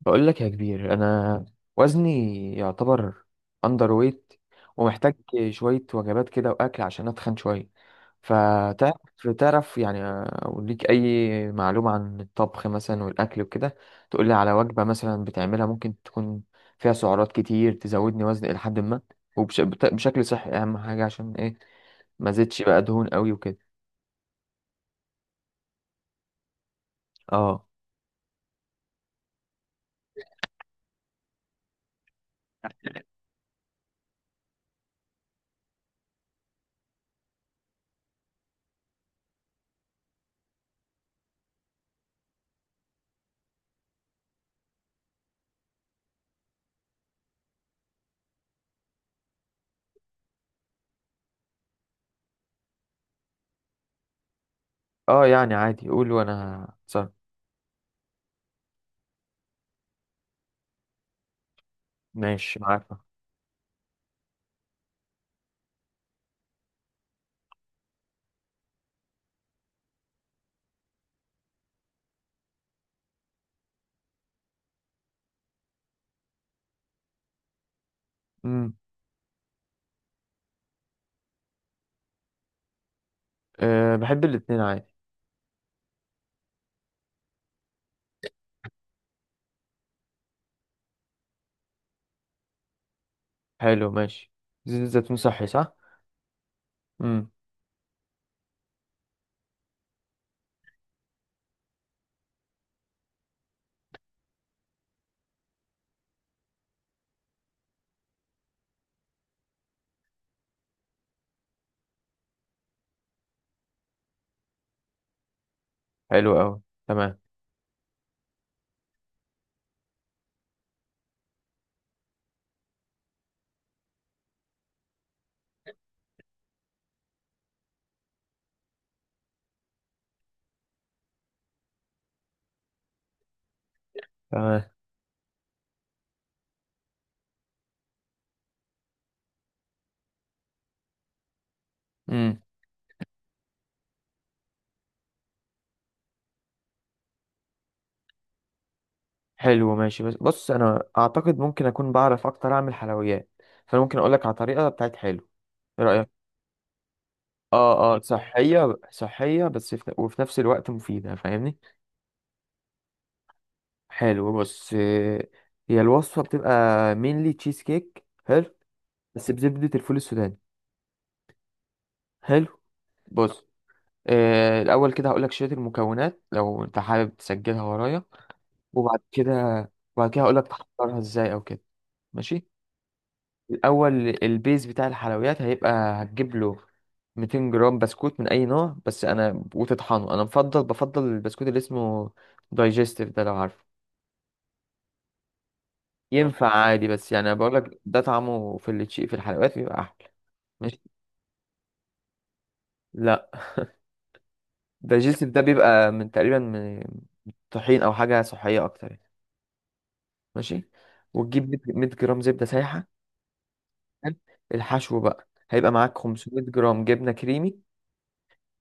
بقول لك يا كبير انا وزني يعتبر اندر ويت ومحتاج شويه وجبات كده واكل عشان اتخن شويه. فتعرف يعني أقول ليك اي معلومه عن الطبخ مثلا والاكل وكده، تقول لي على وجبه مثلا بتعملها ممكن تكون فيها سعرات كتير تزودني وزن الى حد ما وبشكل صحي، اهم حاجه عشان ايه ما زدش بقى دهون قوي وكده. اه اه، يعني عادي قول وانا صار. ماشي معاك. امم. أه بحب الاتنين عادي. حلو ماشي. زيت الزيتون صحي صح؟ امم. حلو قوي. تمام. تمام. امم. حلو ماشي، بس بص انا اعتقد ممكن اكون بعرف اكتر اعمل حلويات، فانا ممكن اقول لك على طريقه بتاعت حلو، ايه رايك؟ اه اه، صحيه صحيه، وفي نفس الوقت مفيده فاهمني. حلو بص، هي الوصفه بتبقى مينلي تشيز كيك حلو، بس بزبده الفول السوداني. حلو. بص الاول كده هقول لك شويه المكونات لو انت حابب تسجلها ورايا، وبعد كده وبعد كده هقول لك تحضرها ازاي او كده. ماشي. الاول البيز بتاع الحلويات هيبقى هتجيب له 200 جرام بسكوت من اي نوع بس، انا وتطحنه، انا مفضل بفضل البسكوت اللي اسمه دايجستيف ده لو عارفه. ينفع عادي بس يعني انا بقول لك ده طعمه في التشي في الحلويات بيبقى احلى. ماشي. لا. دايجستيف ده بيبقى تقريبا من طحين او حاجه صحيه اكتر يعني. ماشي، وتجيب 100 جرام زبده سايحه. حلو؟ الحشو بقى هيبقى معاك 500 جرام جبنه كريمي،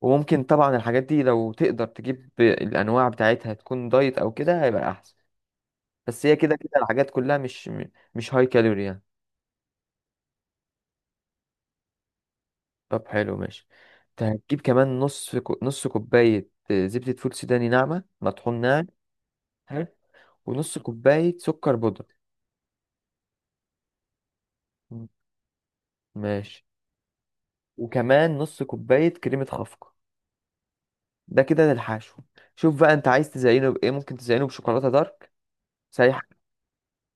وممكن طبعا الحاجات دي لو تقدر تجيب الانواع بتاعتها تكون دايت او كده هيبقى احسن، بس هي كده كده الحاجات كلها مش م- مش هاي كالوري يعني. طب حلو ماشي. انت هتجيب كمان نص كوباية زبدة فول سوداني ناعمة مطحون ناعم. حلو. ونص كوباية سكر بودرة. م. ماشي. وكمان نص كوباية كريمة خفق، ده كده للحشو. شوف بقى انت عايز تزينه بايه، ممكن تزينه بشوكولاتة دارك سايحة.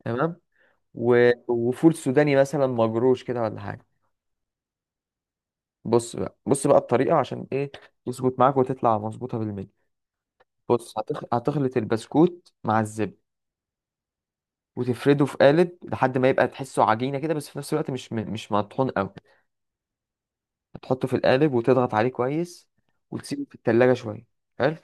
تمام. وفول سوداني مثلا مجروش كده ولا حاجة. بص بقى بص بقى الطريقة عشان ايه تظبط معاك وتطلع مظبوطة بالملي. بص هتخلط البسكوت مع الزبدة، وتفرده في قالب لحد ما يبقى تحسه عجينة كده، بس في نفس الوقت مش مطحون قوي. هتحطه في القالب وتضغط عليه كويس، وتسيبه في التلاجة شوية. حلو.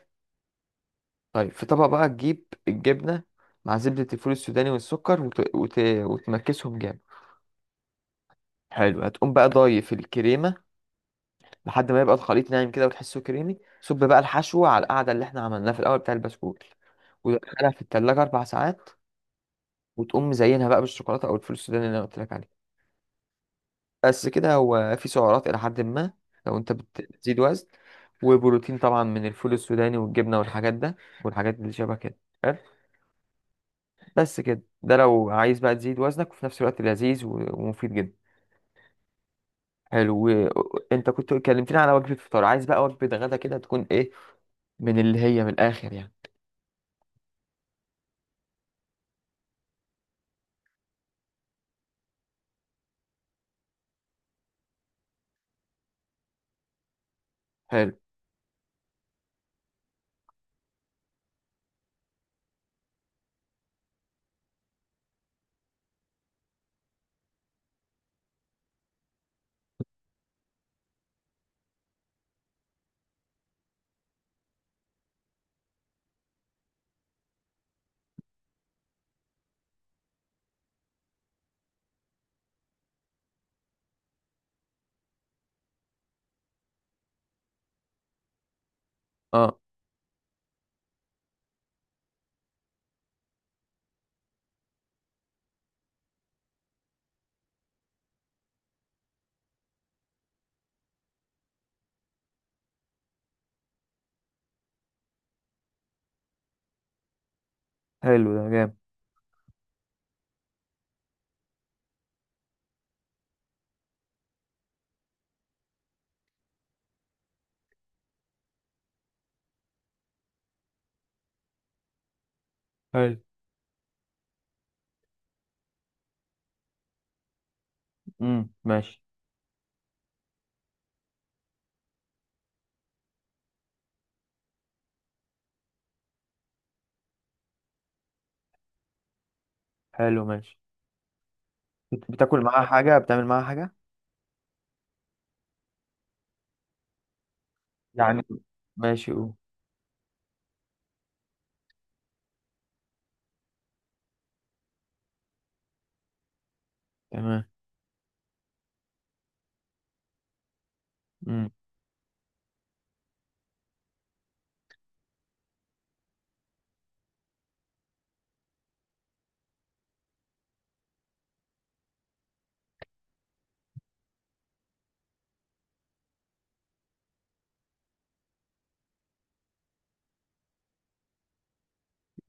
طيب في طبق بقى تجيب الجبنة مع زبدة الفول السوداني والسكر وتمكسهم جامد. حلو، هتقوم بقى ضايف الكريمة لحد ما يبقى الخليط ناعم كده وتحسه كريمي، صب بقى الحشو على القعدة اللي احنا عملناها في الأول بتاع البسكوت، ودخلها في التلاجة أربع ساعات، وتقوم مزينها بقى بالشوكولاتة أو الفول السوداني اللي أنا قلت لك عليه. بس كده، هو في سعرات إلى حد ما لو أنت بتزيد وزن، وبروتين طبعا من الفول السوداني والجبنة والحاجات ده والحاجات اللي شبه كده. حلو؟ بس كده، ده لو عايز بقى تزيد وزنك وفي نفس الوقت لذيذ ومفيد جدا. حلو انت كنت كلمتني على وجبة فطار، عايز بقى وجبة غدا كده تكون ايه من اللي هي من الاخر يعني. حلو. اه. حلو ده جامد. حلو. ماشي. حلو ماشي. بتاكل معاها حاجة، بتعمل معاها حاجة يعني. ماشي أوه. تمام. امم.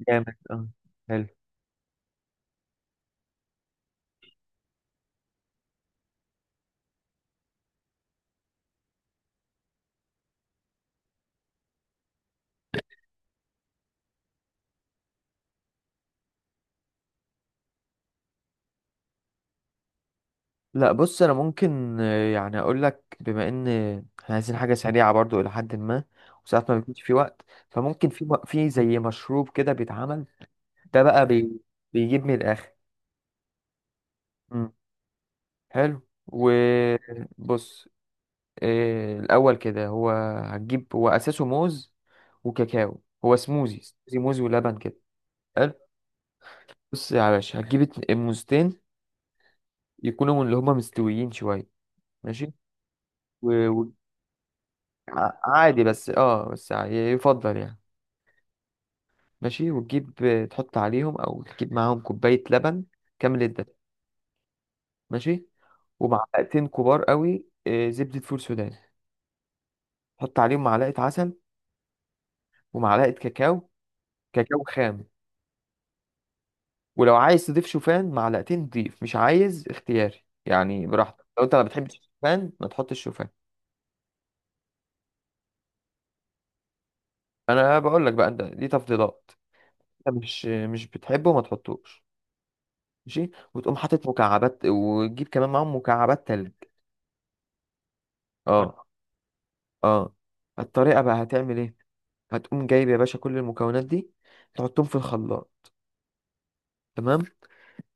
جامد اه. حلو. لا بص أنا ممكن يعني أقول لك بما إن إحنا عايزين حاجة سريعة برضو إلى حد ما، وساعات ما بيكونش في وقت. فممكن في زي مشروب كده بيتعمل، ده بقى بي بيجيب من الآخر. امم. حلو. وبص، الأول كده هو هتجيب هو أساسه موز وكاكاو، هو سموزي، سموزي موز ولبن كده. حلو. بص يا باشا هتجيب موزتين يكونوا من اللي هما مستويين شوية. ماشي. و... و... عادي بس اه بس يفضل يعني. ماشي، وتجيب تحط عليهم او تجيب معاهم كوباية لبن كامل الدسم. ماشي. ومعلقتين كبار قوي زبدة فول سوداني، تحط عليهم معلقة عسل، ومعلقة كاكاو، كاكاو خام. ولو عايز تضيف شوفان معلقتين ضيف، مش عايز اختياري يعني براحتك، لو انت ما بتحبش الشوفان ما تحطش شوفان. انا بقول لك بقى انت دي تفضيلات، انت مش بتحبه ما تحطوش. ماشي، وتقوم حاطط مكعبات، وتجيب كمان معاهم مكعبات تلج. اه اه. الطريقه بقى هتعمل ايه، هتقوم جايب يا باشا كل المكونات دي تحطهم في الخلاط. تمام،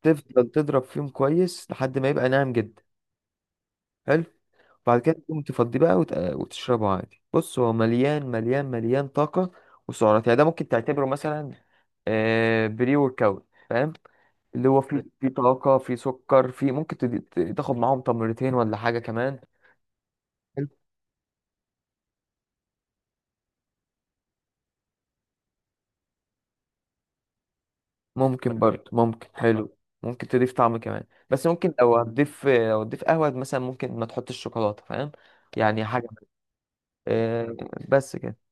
تفضل تضرب فيهم كويس لحد ما يبقى ناعم جدا. حلو. بعد كده تقوم تفضيه بقى وت- وتشربه عادي. بص هو مليان مليان مليان طاقة وسعرات يعني، ده ممكن تعتبره مثلا بري ورك اوت فاهم، اللي هو فيه طاقة فيه سكر، فيه ممكن تاخد معاهم تمرتين ولا حاجة كمان. حلو. ممكن برضه، ممكن حلو. ممكن تضيف طعم كمان، بس ممكن لو هتضيف لو هتضيف قهوة مثلا ممكن ما تحطش شوكولاتة فاهم، يعني حاجة. آه، بس كده.